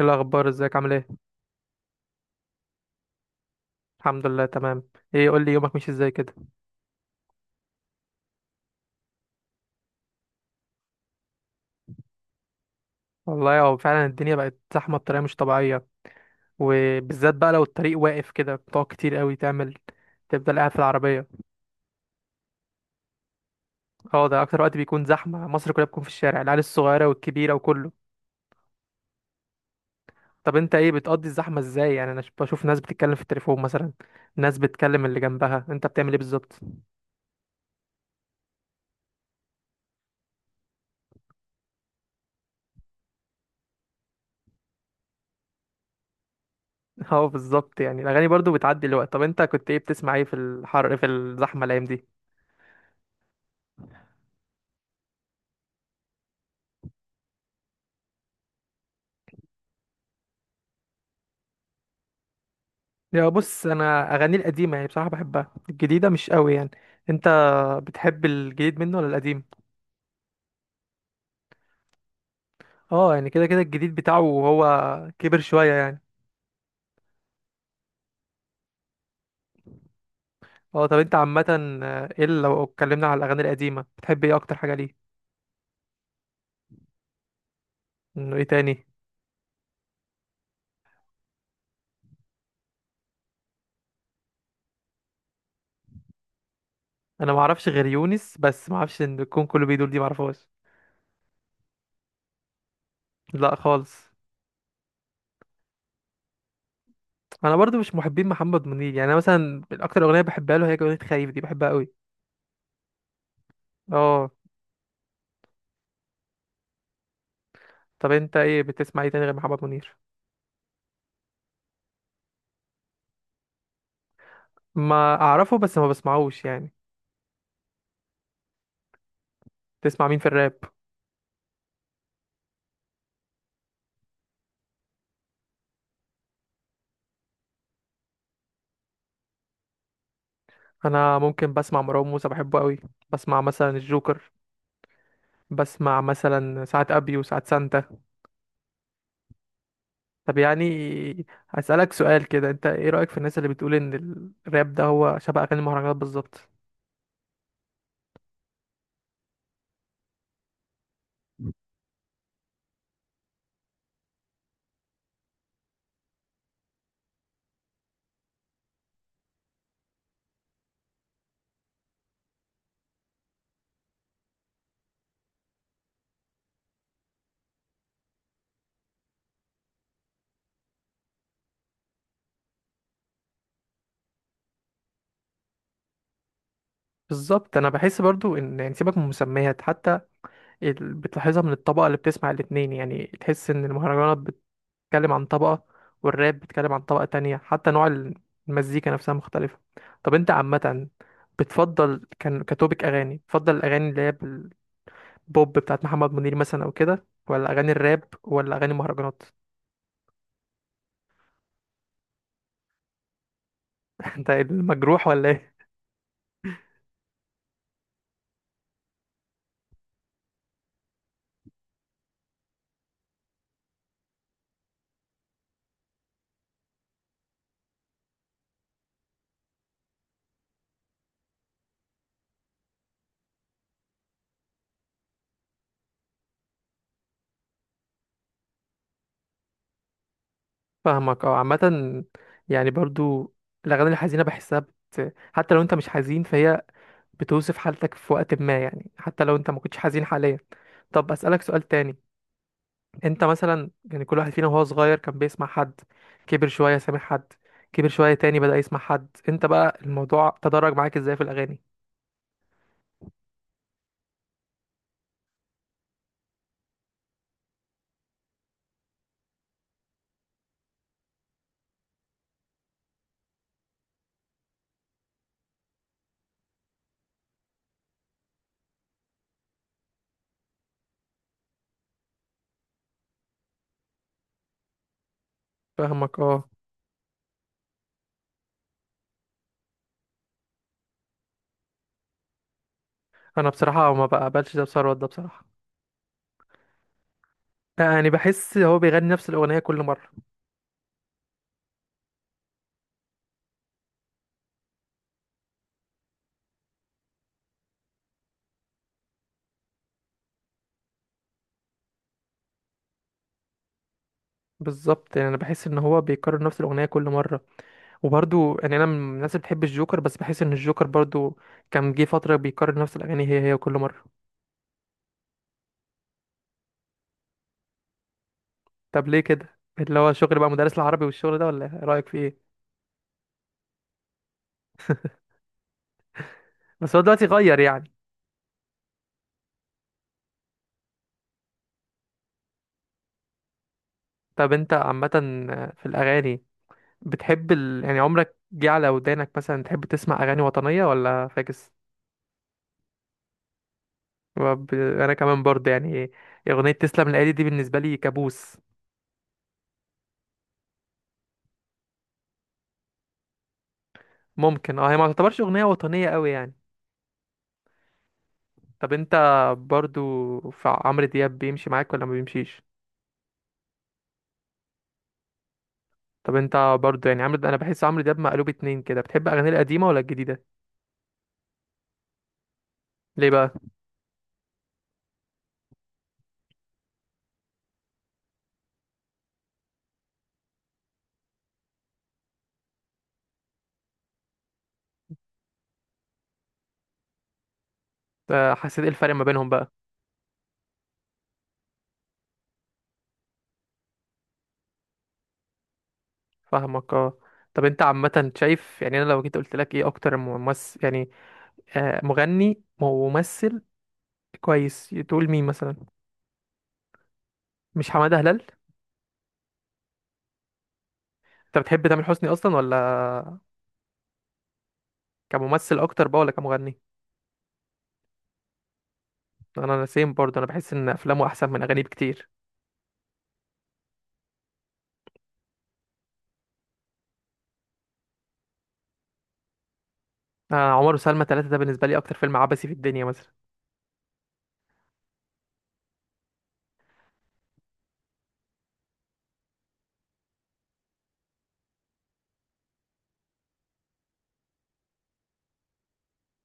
إيه الاخبار، ازيك، عامل ايه؟ الحمد لله تمام. ايه، قول لي، يومك ماشي ازاي كده؟ والله هو فعلا الدنيا بقت زحمه بطريقه مش طبيعيه. وبالذات بقى لو الطريق واقف كده، بتقعد كتير قوي تعمل. تفضل قاعد في العربيه. اه، ده اكتر وقت بيكون زحمه، مصر كلها بتكون في الشارع، العيال الصغيره والكبيره وكله. طب انت ايه، بتقضي الزحمه ازاي؟ يعني انا بشوف ناس بتتكلم في التليفون مثلا. ناس بتكلم اللي جنبها، انت بتعمل ايه بالظبط؟ اه بالظبط، يعني الاغاني برضو بتعدي الوقت. طب انت كنت ايه، بتسمع ايه في الحر في الزحمه الايام دي؟ يا بص، انا اغاني القديمه يعني بصراحه بحبها، الجديده مش قوي يعني. انت بتحب الجديد منه ولا القديم؟ اه يعني كده كده الجديد بتاعه، هو كبر شويه يعني. اه، طب انت عامه. آه، ايه اللي، لو اتكلمنا على الاغاني القديمه، بتحب ايه اكتر حاجه؟ ليه؟ انه ايه تاني؟ انا ما اعرفش غير يونس، بس ما اعرفش ان الكون كله بيدور دي، ما اعرفهاش. لا خالص. انا برضو مش محبين محمد منير، يعني انا مثلا اكتر اغنيه بحبها له هي اغنيه خايف، دي بحبها قوي. اه. طب انت ايه، بتسمع ايه تاني غير محمد منير؟ ما اعرفه، بس ما بسمعوش يعني. تسمع مين في الراب؟ انا ممكن بسمع مروان موسى، بحبه قوي. بسمع مثلا الجوكر. بسمع مثلا ساعات ابي وساعات سانتا. طب يعني هسألك سؤال كده، انت ايه رأيك في الناس اللي بتقول ان الراب ده هو شبه اغاني المهرجانات بالظبط؟ بالظبط، انا بحس برضو ان، يعني سيبك من المسميات حتى. بتلاحظها من الطبقة اللي بتسمع الاتنين، يعني تحس ان المهرجانات بتتكلم عن طبقة، والراب بيتكلم عن طبقة تانية، حتى نوع المزيكا نفسها مختلفة. طب انت عامة، بتفضل كان كتوبك أغاني بتفضل الأغاني اللي هي البوب بتاعت محمد منير مثلا أو كده، ولا أغاني الراب ولا أغاني مهرجانات؟ انت المجروح ولا ايه؟ فاهمك اه، عامة يعني برضو الأغاني الحزينة بحسها حتى لو انت مش حزين فهي بتوصف حالتك في وقت ما، يعني حتى لو انت ما كنتش حزين حاليا. طب أسألك سؤال تاني. انت مثلا، يعني كل واحد فينا وهو صغير كان بيسمع حد، كبر شوية سامع حد، كبر شوية تاني بدأ يسمع حد. انت بقى الموضوع تدرج معاك ازاي في الأغاني؟ فاهمك اه. انا بصراحة ما بقبلش ده، بثروت ده بصراحة. يعني بحس هو بيغني نفس الأغنية كل مرة. بالظبط، يعني انا بحس ان هو بيكرر نفس الأغنية كل مرة. وبرضو يعني انا من الناس اللي بتحب الجوكر، بس بحس ان الجوكر برضو كان جه فترة بيكرر نفس الأغاني هي هي كل مرة. طب ليه كده، اللي هو شغل بقى مدرس العربي والشغل ده، ولا إيه؟ رأيك في ايه؟ بس هو دلوقتي غير يعني. طب انت عامة في الأغاني، بتحب يعني عمرك جه على ودانك مثلا تحب تسمع أغاني وطنية ولا فاكس؟ أنا كمان برضه يعني أغنية تسلم الآلي دي بالنسبة لي كابوس. ممكن اه، هي ما تعتبرش أغنية وطنية أوي يعني. طب انت برضه في عمرو دياب بيمشي معاك ولا ما بيمشيش؟ طب انت برضه يعني أنا بحس عمرو دياب مقلوب اتنين كده، بتحب أغانيه القديمة ولا الجديدة؟ ليه بقى؟ اه، حسيت ايه الفرق ما بينهم بقى؟ فاهمك اه. طب انت عامة شايف، يعني انا لو جيت قلت لك ايه اكتر ممثل يعني مغني وممثل كويس، تقول مين مثلا؟ مش حمادة هلال؟ انت بتحب تامر حسني اصلا ولا؟ كممثل اكتر بقى ولا كمغني؟ انا سيم برضه، انا بحس ان افلامه احسن من اغانيه بكتير. آه، عمر وسلمى 3 ده بالنسبه لي اكتر فيلم عبثي في الدنيا مثلا.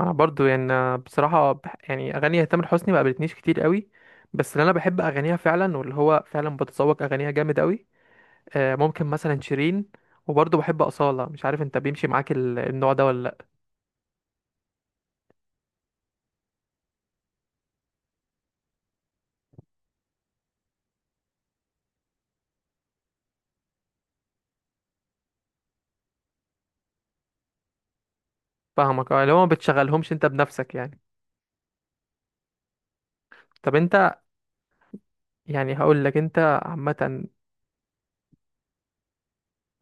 انا برضه يعني بصراحه يعني اغاني تامر حسني ما قابلتنيش كتير قوي، بس اللي انا بحب اغانيها فعلا واللي هو فعلا بتذوق اغانيها جامد قوي، ممكن مثلا شيرين. وبرضه بحب أصالة، مش عارف انت بيمشي معاك النوع ده ولا؟ فاهمك اه، اللي هو ما بتشغلهمش انت بنفسك يعني. طب انت، يعني هقول لك، انت عامة،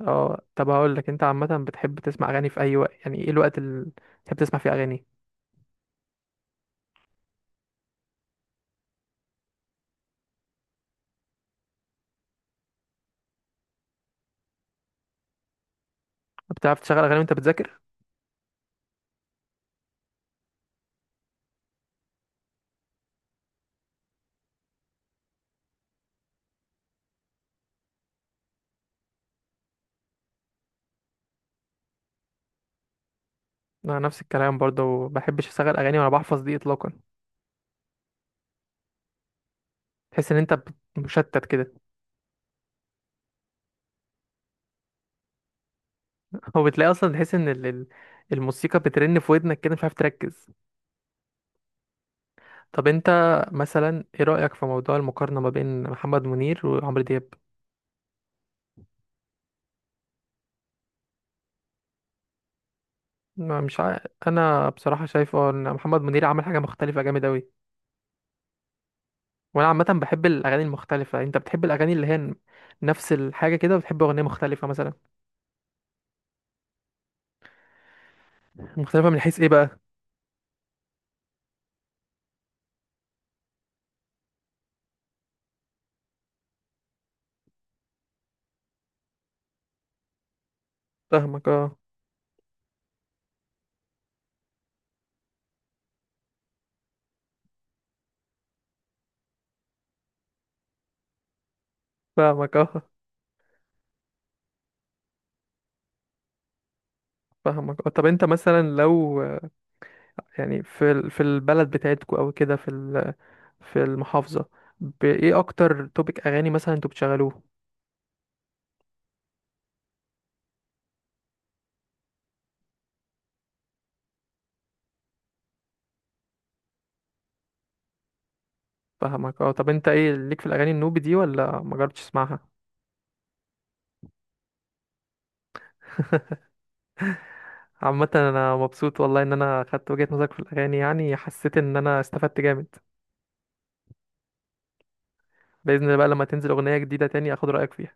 اه طب هقول لك انت عامة، بتحب تسمع اغاني في اي وقت؟ يعني ايه الوقت اللي بتحب تسمع فيه اغاني؟ بتعرف تشغل اغاني وانت بتذاكر؟ انا نفس الكلام برضه، ما بحبش اشغل اغاني وانا بحفظ دي اطلاقا. تحس ان انت مشتت كده. هو بتلاقي اصلا تحس ان الموسيقى بترن في ودنك كده مش عارف تركز. طب انت مثلا ايه رأيك في موضوع المقارنة ما بين محمد منير وعمرو دياب؟ ما مش عا... انا بصراحه شايف اه ان محمد منير عمل حاجه مختلفه جامد اوي. وانا عامه بحب الاغاني المختلفه، انت بتحب الاغاني اللي هي نفس الحاجه كده، بتحب اغنيه مختلفه مثلا؟ مختلفه من حيث ايه بقى؟ فاهمك اه. فاهمك اه. فاهمك اه. طب انت مثلا لو، يعني في في البلد بتاعتكو او كده في في المحافظه، بايه اكتر توبيك اغاني مثلا انتوا بتشغلوه؟ فاهمك اه. طب انت ايه ليك في الاغاني النوبي دي ولا ما جربتش تسمعها؟ عامة انا مبسوط والله ان انا خدت وجهة نظرك في الاغاني، يعني حسيت ان انا استفدت جامد. بإذن الله بقى لما تنزل اغنية جديدة تاني اخد رأيك فيها.